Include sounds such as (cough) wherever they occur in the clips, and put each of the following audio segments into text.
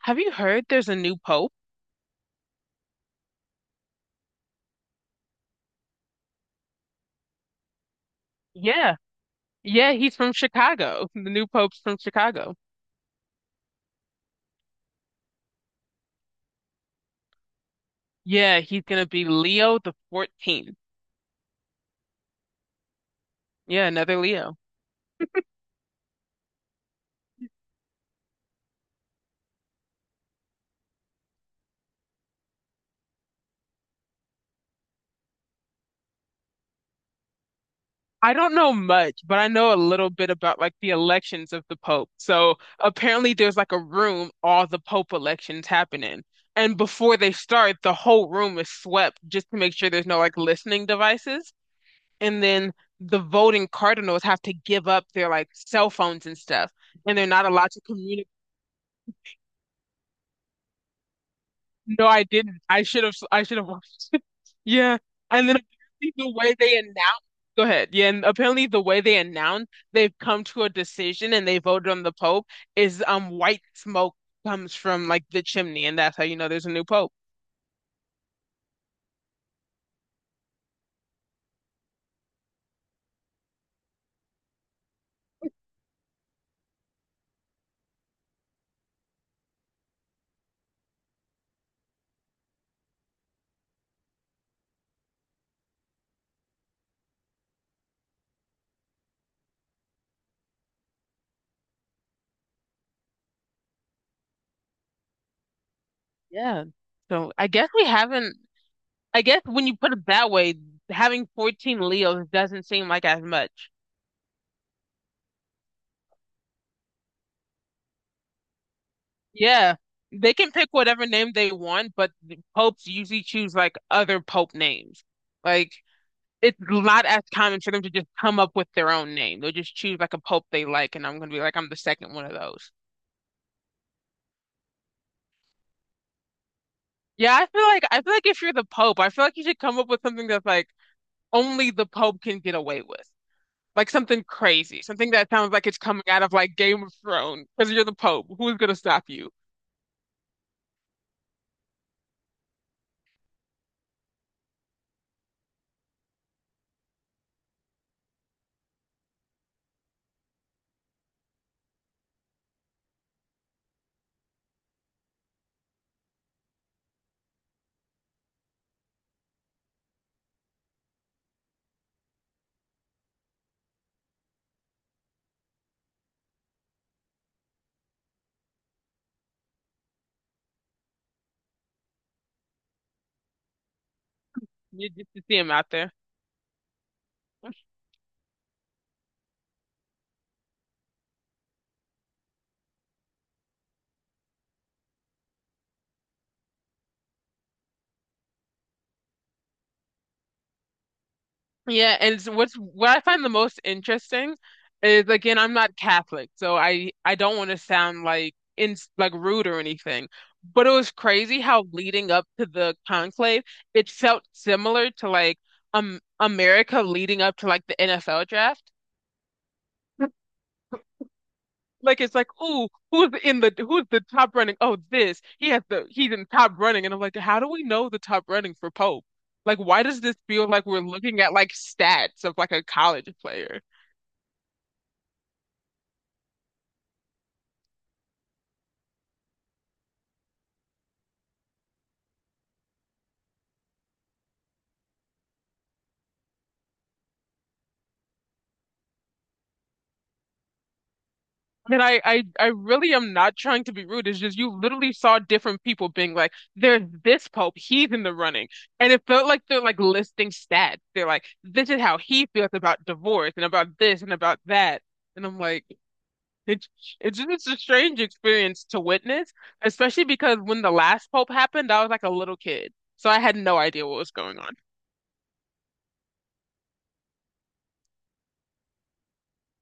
Have you heard there's a new pope? Yeah. Yeah, he's from Chicago. (laughs) The new pope's from Chicago. Yeah, he's gonna be Leo the 14th. Yeah, another Leo. I don't know much, but I know a little bit about like the elections of the pope. So apparently there's like a room all the pope elections happen in. And before they start, the whole room is swept just to make sure there's no like listening devices. And then the voting cardinals have to give up their like cell phones and stuff, and they're not allowed to communicate. No, I didn't. I should have. I should have watched it. (laughs) Yeah, and then apparently the way they announced. Go ahead. Yeah, and apparently the way they announced they've come to a decision and they voted on the Pope is white smoke comes from like the chimney, and that's how you know there's a new Pope. Yeah. So I guess we haven't. I guess when you put it that way, having 14 Leos doesn't seem like as much. Yeah, they can pick whatever name they want, but the popes usually choose like other pope names. Like, it's not as common for them to just come up with their own name. They'll just choose like a pope they like, and I'm gonna be like, I'm the second one of those. Yeah, I feel like if you're the pope, I feel like you should come up with something that's like only the pope can get away with, like something crazy, something that sounds like it's coming out of like Game of Thrones, because you're the pope. Who's gonna stop you? You just to see him out there. Yeah, and it's what I find the most interesting is, again, I'm not Catholic, so I don't want to sound like in like rude or anything, but it was crazy how leading up to the conclave, it felt similar to like America leading up to like the NFL draft. Like it's like, ooh, who's in the who's the top running? Oh, this he has the he's in top running, and I'm like, how do we know the top running for Pope? Like, why does this feel like we're looking at like stats of like a college player? And I really am not trying to be rude. It's just you literally saw different people being like, "There's this pope, he's in the running," and it felt like they're like listing stats. They're like, "This is how he feels about divorce and about this and about that," and I'm like, "It's it's just it's a strange experience to witness, especially because when the last pope happened, I was like a little kid, so I had no idea what was going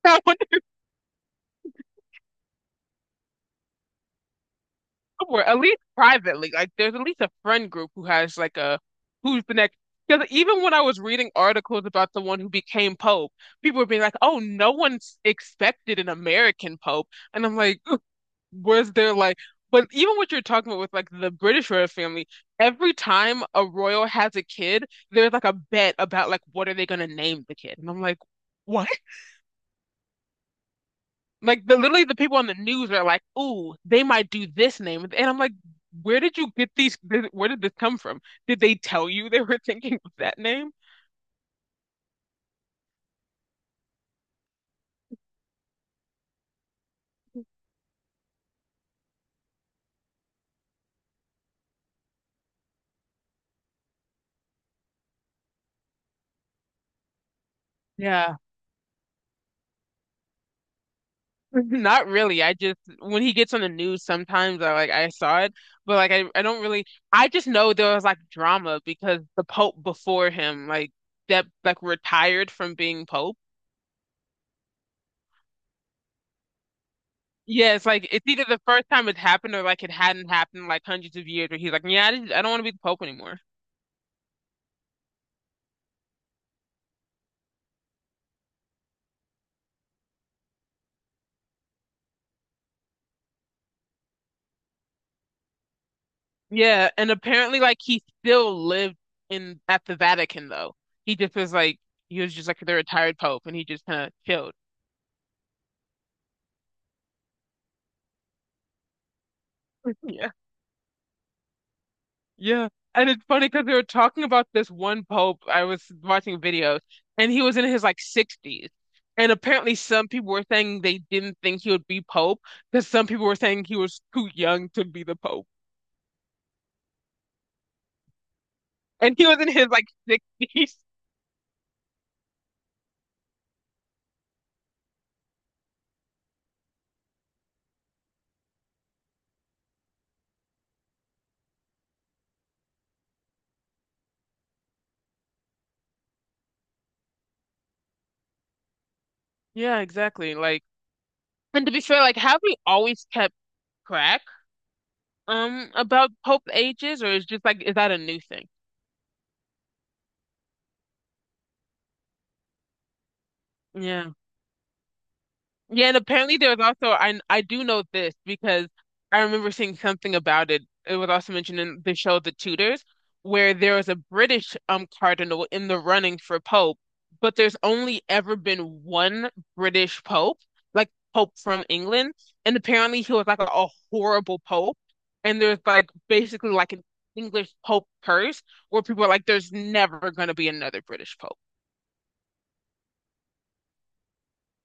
on." (laughs) Somewhere, at least privately. Like there's at least a friend group who has like a who's the next. Because even when I was reading articles about the one who became Pope, people were being like, "Oh, no one's expected an American Pope," and I'm like, "Was there like?" But even what you're talking about with like the British royal family, every time a royal has a kid, there's like a bet about like what are they gonna name the kid, and I'm like, "What?" Like the literally the people on the news are like, "Ooh, they might do this name," and I'm like, "Where did you get these? Where did this come from? Did they tell you they were (laughs) thinking of that name?" Yeah. (laughs) Not really. I just when he gets on the news sometimes I like I saw it, but like I don't really I just know there was like drama because the Pope before him like that like retired from being Pope. Yeah, it's like it's either the first time it happened or like it hadn't happened like hundreds of years where he's like, yeah, I just, I don't want to be the Pope anymore. Yeah, and apparently like he still lived in at the Vatican though. He just was like he was just like the retired pope and he just kind of chilled. (laughs) Yeah. Yeah. And it's funny because they were talking about this one pope. I was watching videos and he was in his like 60s. And apparently some people were saying they didn't think he would be pope because some people were saying he was too young to be the pope. And he was in his like 60s. (laughs) Yeah, exactly. Like and to be fair, like have we always kept track? About Pope ages, or is just like is that a new thing? Yeah, yeah, and apparently there was also I do know this because I remember seeing something about it. It was also mentioned in the show The Tudors, where there was a British cardinal in the running for Pope, but there's only ever been one British Pope, like Pope from England, and apparently he was like a horrible Pope, and there's like basically like an English Pope curse where people are like, there's never going to be another British Pope.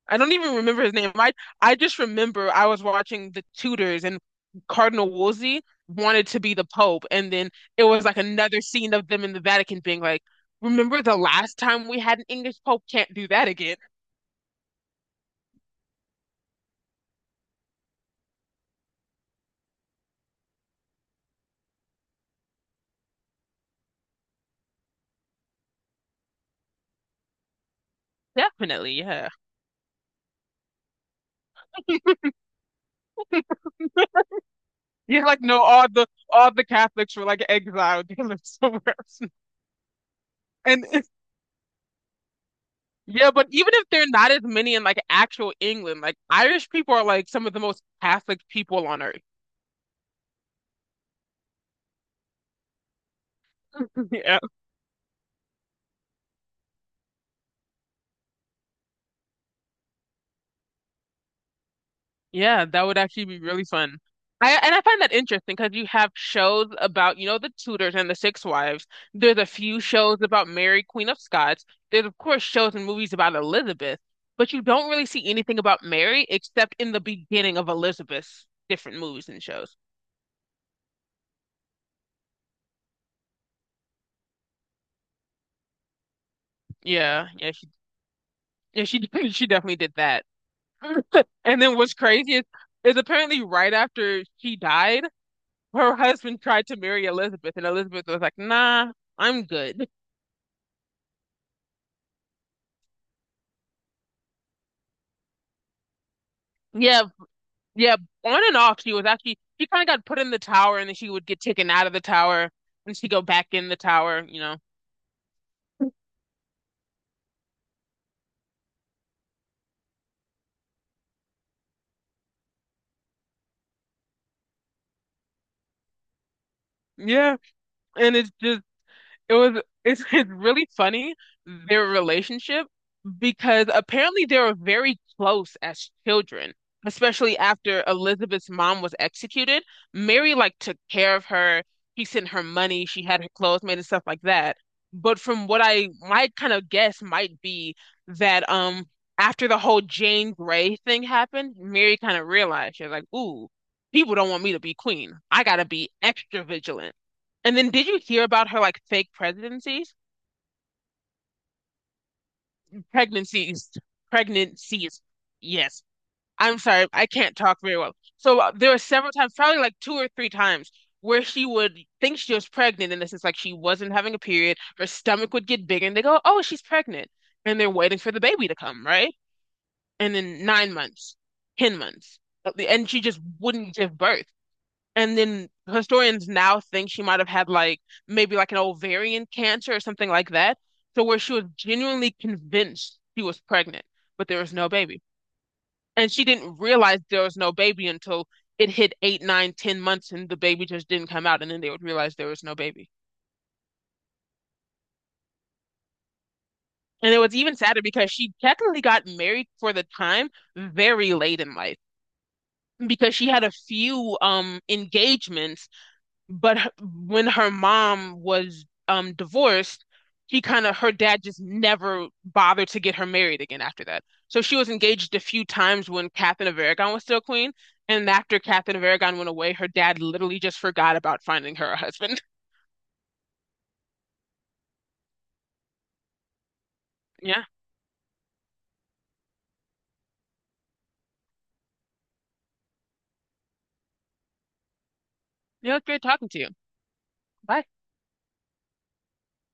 I don't even remember his name. I just remember I was watching the Tudors and Cardinal Wolsey wanted to be the Pope, and then it was like another scene of them in the Vatican being like, "Remember the last time we had an English Pope? Can't do that again." Definitely, yeah. Yeah, like no, all the Catholics were like exiled. (laughs) They lived somewhere else. And it's- yeah, but even if they're not as many in like actual England, like Irish people are like some of the most Catholic people on earth. (laughs) Yeah, that would actually be really fun. I and I find that interesting because you have shows about, you know, the Tudors and the Six Wives. There's a few shows about Mary, Queen of Scots. There's of course shows and movies about Elizabeth, but you don't really see anything about Mary except in the beginning of Elizabeth's different movies and shows. Yeah, yeah, she (laughs) she definitely did that. (laughs) And then what's crazy is apparently right after she died, her (laughs) husband tried to marry Elizabeth, and Elizabeth was like, "Nah, I'm good." (laughs) Yeah. Yeah, on and off she was actually she kind of got put in the tower and then she would get taken out of the tower and she go back in the tower, you know. Yeah, and it's just it was it's, (laughs) it's really funny their relationship because apparently they were very close as children, especially after Elizabeth's mom was executed. Mary like took care of her. He sent her money. She had her clothes made and stuff like that. But from what I might kind of guess might be that after the whole Jane Grey thing happened, Mary kind of realized she was like, "Ooh, people don't want me to be queen. I gotta be extra vigilant." And then did you hear about her like fake presidencies? Pregnancies. Pregnancies. Yes. I'm sorry, I can't talk very well. So there were several times, probably like two or three times, where she would think she was pregnant, and this is like she wasn't having a period. Her stomach would get bigger, and they go, "Oh, she's pregnant," and they're waiting for the baby to come, right? And then 9 months, 10 months, and she just wouldn't give birth. And then historians now think she might have had like maybe like an ovarian cancer or something like that. So where she was genuinely convinced she was pregnant, but there was no baby. And she didn't realize there was no baby until it hit eight, nine, 10 months and the baby just didn't come out. And then they would realize there was no baby. And it was even sadder because she technically got married for the time very late in life because she had a few engagements. But when her mom was divorced, he kind of her dad just never bothered to get her married again after that. So she was engaged a few times when Catherine of Aragon was still queen, and after Catherine of Aragon went away, her dad literally just forgot about finding her a husband. (laughs) Yeah, yeah, it was great talking to you. Bye.